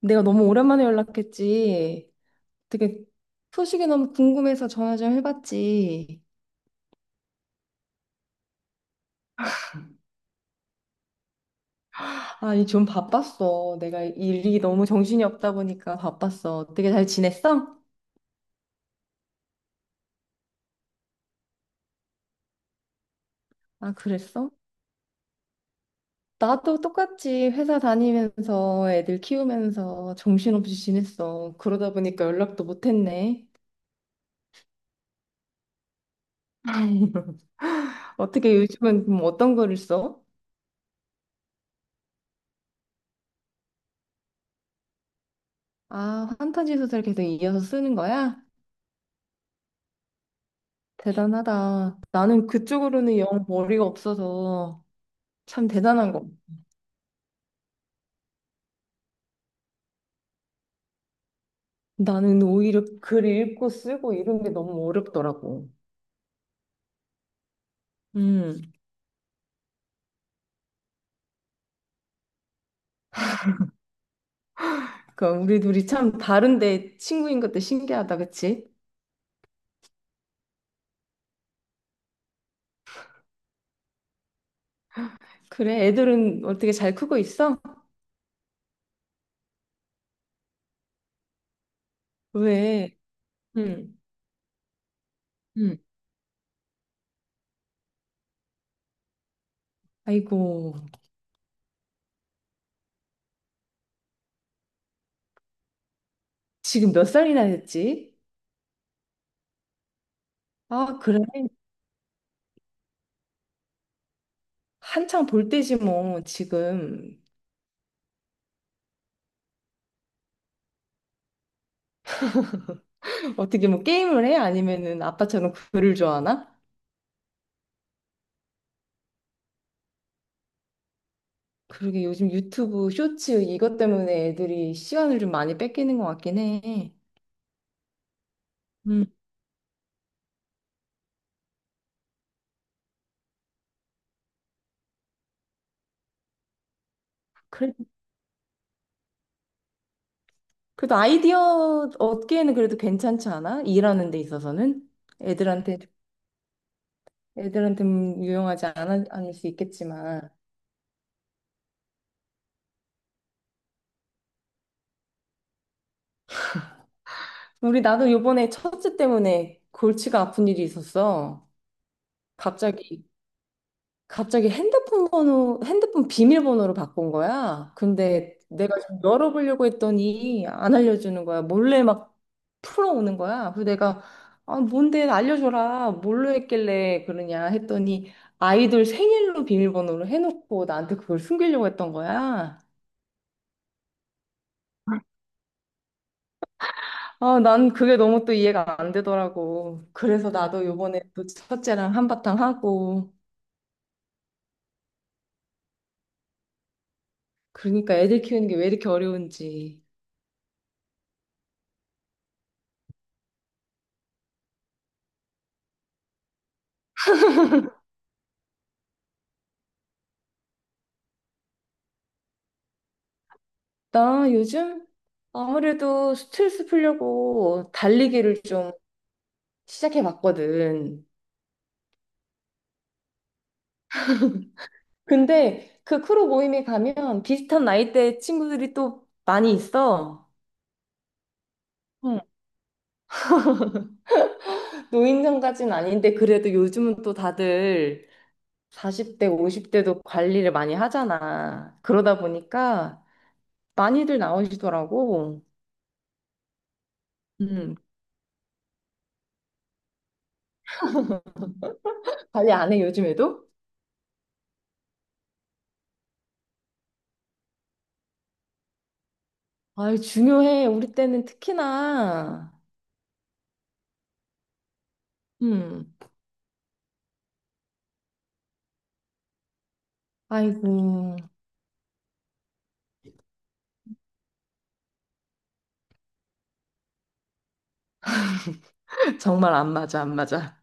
내가 너무 오랜만에 연락했지. 되게 소식이 너무 궁금해서 전화 좀 해봤지. 아, 이좀 바빴어. 내가 일이 너무 정신이 없다 보니까 바빴어. 되게 잘 지냈어? 아, 그랬어? 나도 똑같이 회사 다니면서 애들 키우면서 정신없이 지냈어. 그러다 보니까 연락도 못했네. 어떻게 요즘은 그럼 어떤 거를 써? 아, 판타지 소설 계속 이어서 쓰는 거야? 대단하다. 나는 그쪽으로는 영 머리가 없어서. 참 대단한 거. 나는 오히려 글 읽고 쓰고 이런 게 너무 어렵더라고. 음. 그러니까 우리 둘이 참 다른데 친구인 것도 신기하다, 그치? 그래, 애들은 어떻게 잘 크고 있어? 왜? 음. 음. 아이고, 지금 몇 살이나 됐지? 아, 그래. 한창 볼 때지 뭐, 지금. 어떻게 뭐 게임을 해? 아니면은 아빠처럼 글을 좋아하나? 그러게 요즘 유튜브 쇼츠 이것 때문에 애들이 시간을 좀 많이 뺏기는 것 같긴 해. 그래, 그래도 아이디어 얻기에는 그래도 괜찮지 않아? 일하는 데 있어서는 애들한테 애들한테 유용하지 않아, 않을 수 있겠지만 우리 나도 요번에 첫째 때문에 골치가 아픈 일이 있었어. 갑자기 갑자기 핸드폰 비밀번호로 바꾼 거야. 근데 내가 좀 열어보려고 했더니 안 알려주는 거야. 몰래 막 풀어오는 거야. 그래서 내가 아, 뭔데 알려줘라. 뭘로 했길래 그러냐 했더니 아이돌 생일로 비밀번호로 해놓고 나한테 그걸 숨기려고 했던 거야. 아, 난 그게 너무 또 이해가 안 되더라고. 그래서 나도 요번에 또 첫째랑 한바탕 하고. 그러니까 애들 키우는 게 왜 이렇게 어려운지. 나 요즘 아무래도 스트레스 풀려고 달리기를 좀 시작해 봤거든. 근데 그 크루 모임에 가면 비슷한 나이대 친구들이 또 많이 있어. 응. 노인정까지는 아닌데 그래도 요즘은 또 다들 40대, 50대도 관리를 많이 하잖아. 그러다 보니까 많이들 나오시더라고. 음. 관리 안 해, 요즘에도? 아이, 중요해. 우리 때는 특히나. 음. 아이고. 정말 안 맞아, 안 맞아.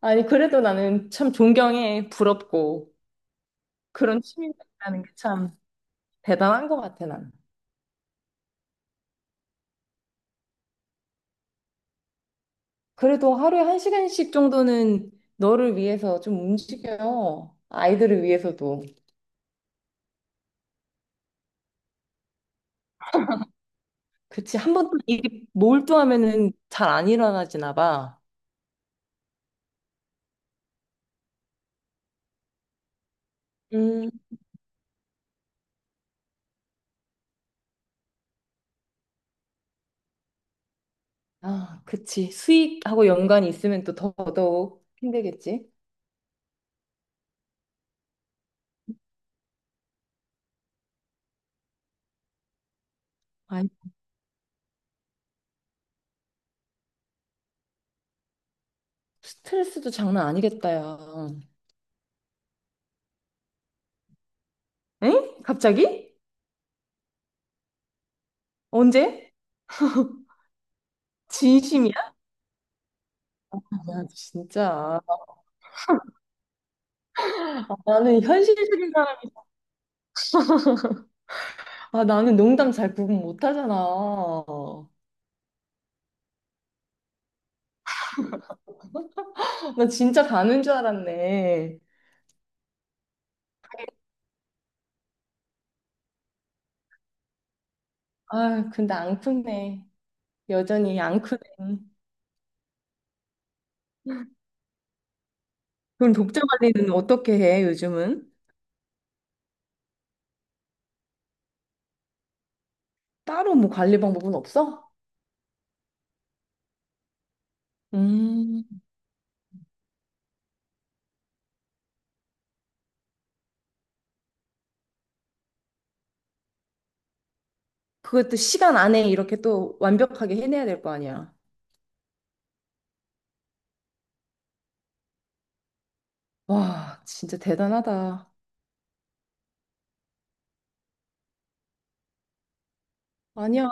아니, 그래도 나는 참 존경해, 부럽고. 그런 취미가 있다는 게 참 대단한 것 같아, 난. 그래도 하루에 한 시간씩 정도는 너를 위해서 좀 움직여요. 아이들을 위해서도. 그치, 한 번 일이 몰두하면은 잘 안 일어나지나 봐. 음, 아, 그치. 수익하고 연관이 있으면 또 더더욱 힘들겠지. 아니 스트레스도 장난 아니겠다, 야. 엥? 갑자기? 언제? 진심이야? 야, 진짜. 아, 나는 현실적인 사람, 아, 나는 농담 잘 구분 못 하잖아. 나 진짜 가는 줄 알았네. 아, 근데 안 크네. 여전히 안 크네. 그럼 독자 관리는 어떻게 해, 요즘은? 따로 뭐 관리 방법은 없어? 음, 그것도 시간 안에 이렇게 또 완벽하게 해내야 될 거 아니야. 와, 진짜 대단하다. 아니야.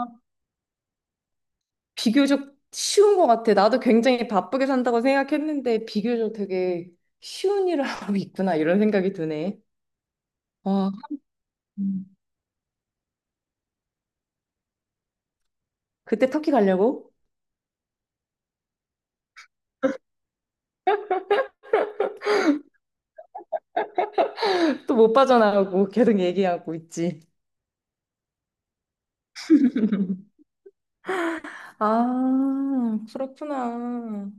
비교적 쉬운 것 같아. 나도 굉장히 바쁘게 산다고 생각했는데 비교적 되게 쉬운 일을 하고 있구나 이런 생각이 드네. 와, 음. 그때 터키 가려고? 또 못 빠져나가고 계속 얘기하고 있지. 아, 그렇구나.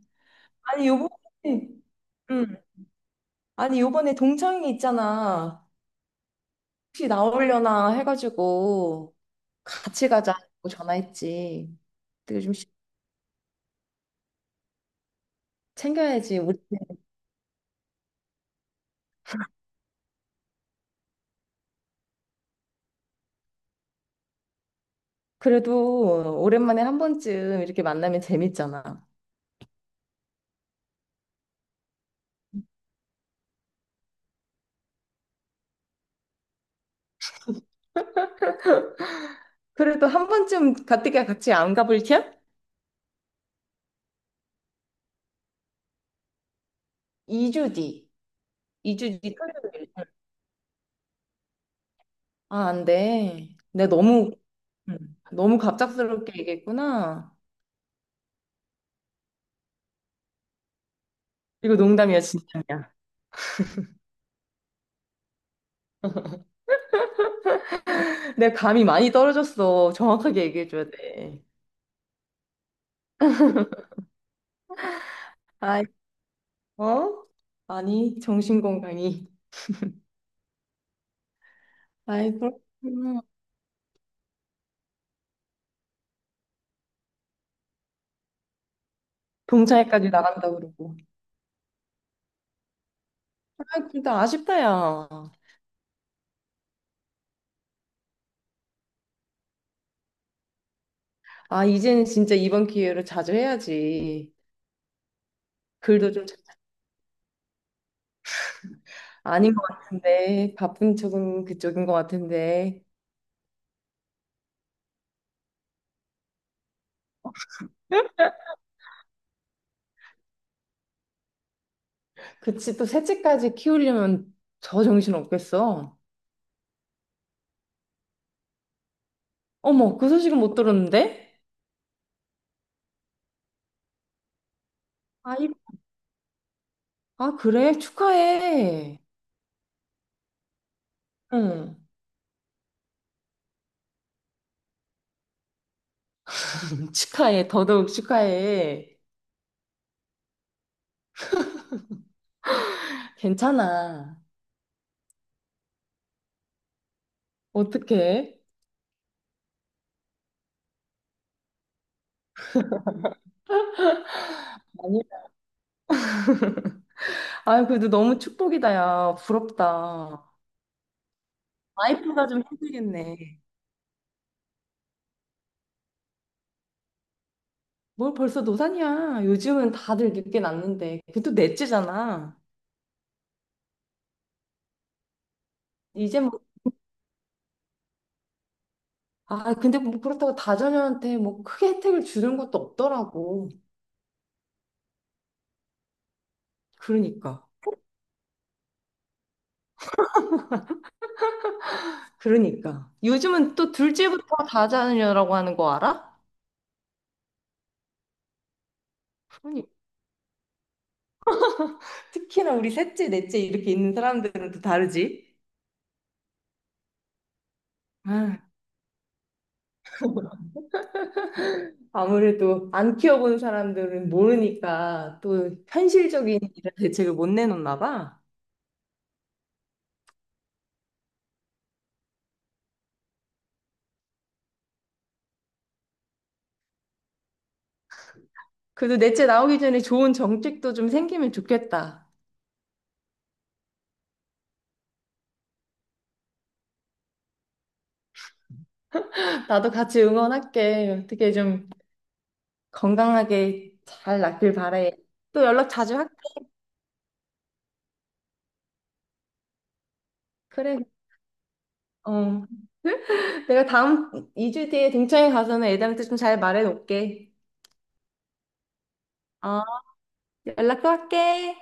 아니, 요번에, 음. 아니, 요번에 동창이 있잖아. 혹시 나오려나 해가지고 같이 가자고 전화했지. 근데 요즘 시- 챙겨야지. 우리 그래도 오랜만에 한 번쯤 이렇게 만나면 재밌잖아. 그래도 한 번쯤 가뜩이 같이 안 가볼 티야? 2주 뒤. 2주 뒤 토요일. 아, 안 돼. 음, 너무 갑작스럽게 얘기했구나. 이거 농담이야, 진담이야. 내 감이 많이 떨어졌어. 정확하게 얘기해줘야 돼. 아이, 어? 아니, 정신건강이. 아이, 그렇구나. 동창회까지 나간다 그러고. 아, 근데 아쉽다, 야. 아, 이제는 진짜 이번 기회로 자주 해야지. 글도 좀 잘- 아닌 것 같은데 바쁜 쪽은 그쪽인 것 같은데 그치 또 셋째까지 키우려면 저 정신 없겠어. 어머, 그 소식은 못 들었는데. 아, 이- 아, 그래, 축하해. 응, 축하해, 더더욱 축하해. 괜찮아. 어떡해. 아니 아, 그래도 너무 축복이다, 야, 부럽다. 와이프가 좀 힘들겠네. 뭘 벌써 노산이야, 요즘은 다들 늦게 낳는데. 그것도 넷째잖아. 이제 뭐, 아, 근데 뭐 그렇다고 다자녀한테 뭐 크게 혜택을 주는 것도 없더라고. 그러니까. 그러니까. 요즘은 또 둘째부터 다자녀라고 하는 거 알아? 그러니 특히나 우리 셋째, 넷째 이렇게 있는 사람들은 또 다르지. 아, 아무래도 안 키워본 사람들은 모르니까 또 현실적인 이런 대책을 못 내놓나 봐. 그래도 넷째 나오기 전에 좋은 정책도 좀 생기면 좋겠다. 나도 같이 응원할게. 어떻게 좀 건강하게 잘 낫길 바래. 또 연락 자주 할게. 그래. 어. 내가 다음 2주 뒤에 등촌에 가서는 애들한테 좀 잘 말해 놓을게. 어, 연락 또 할게.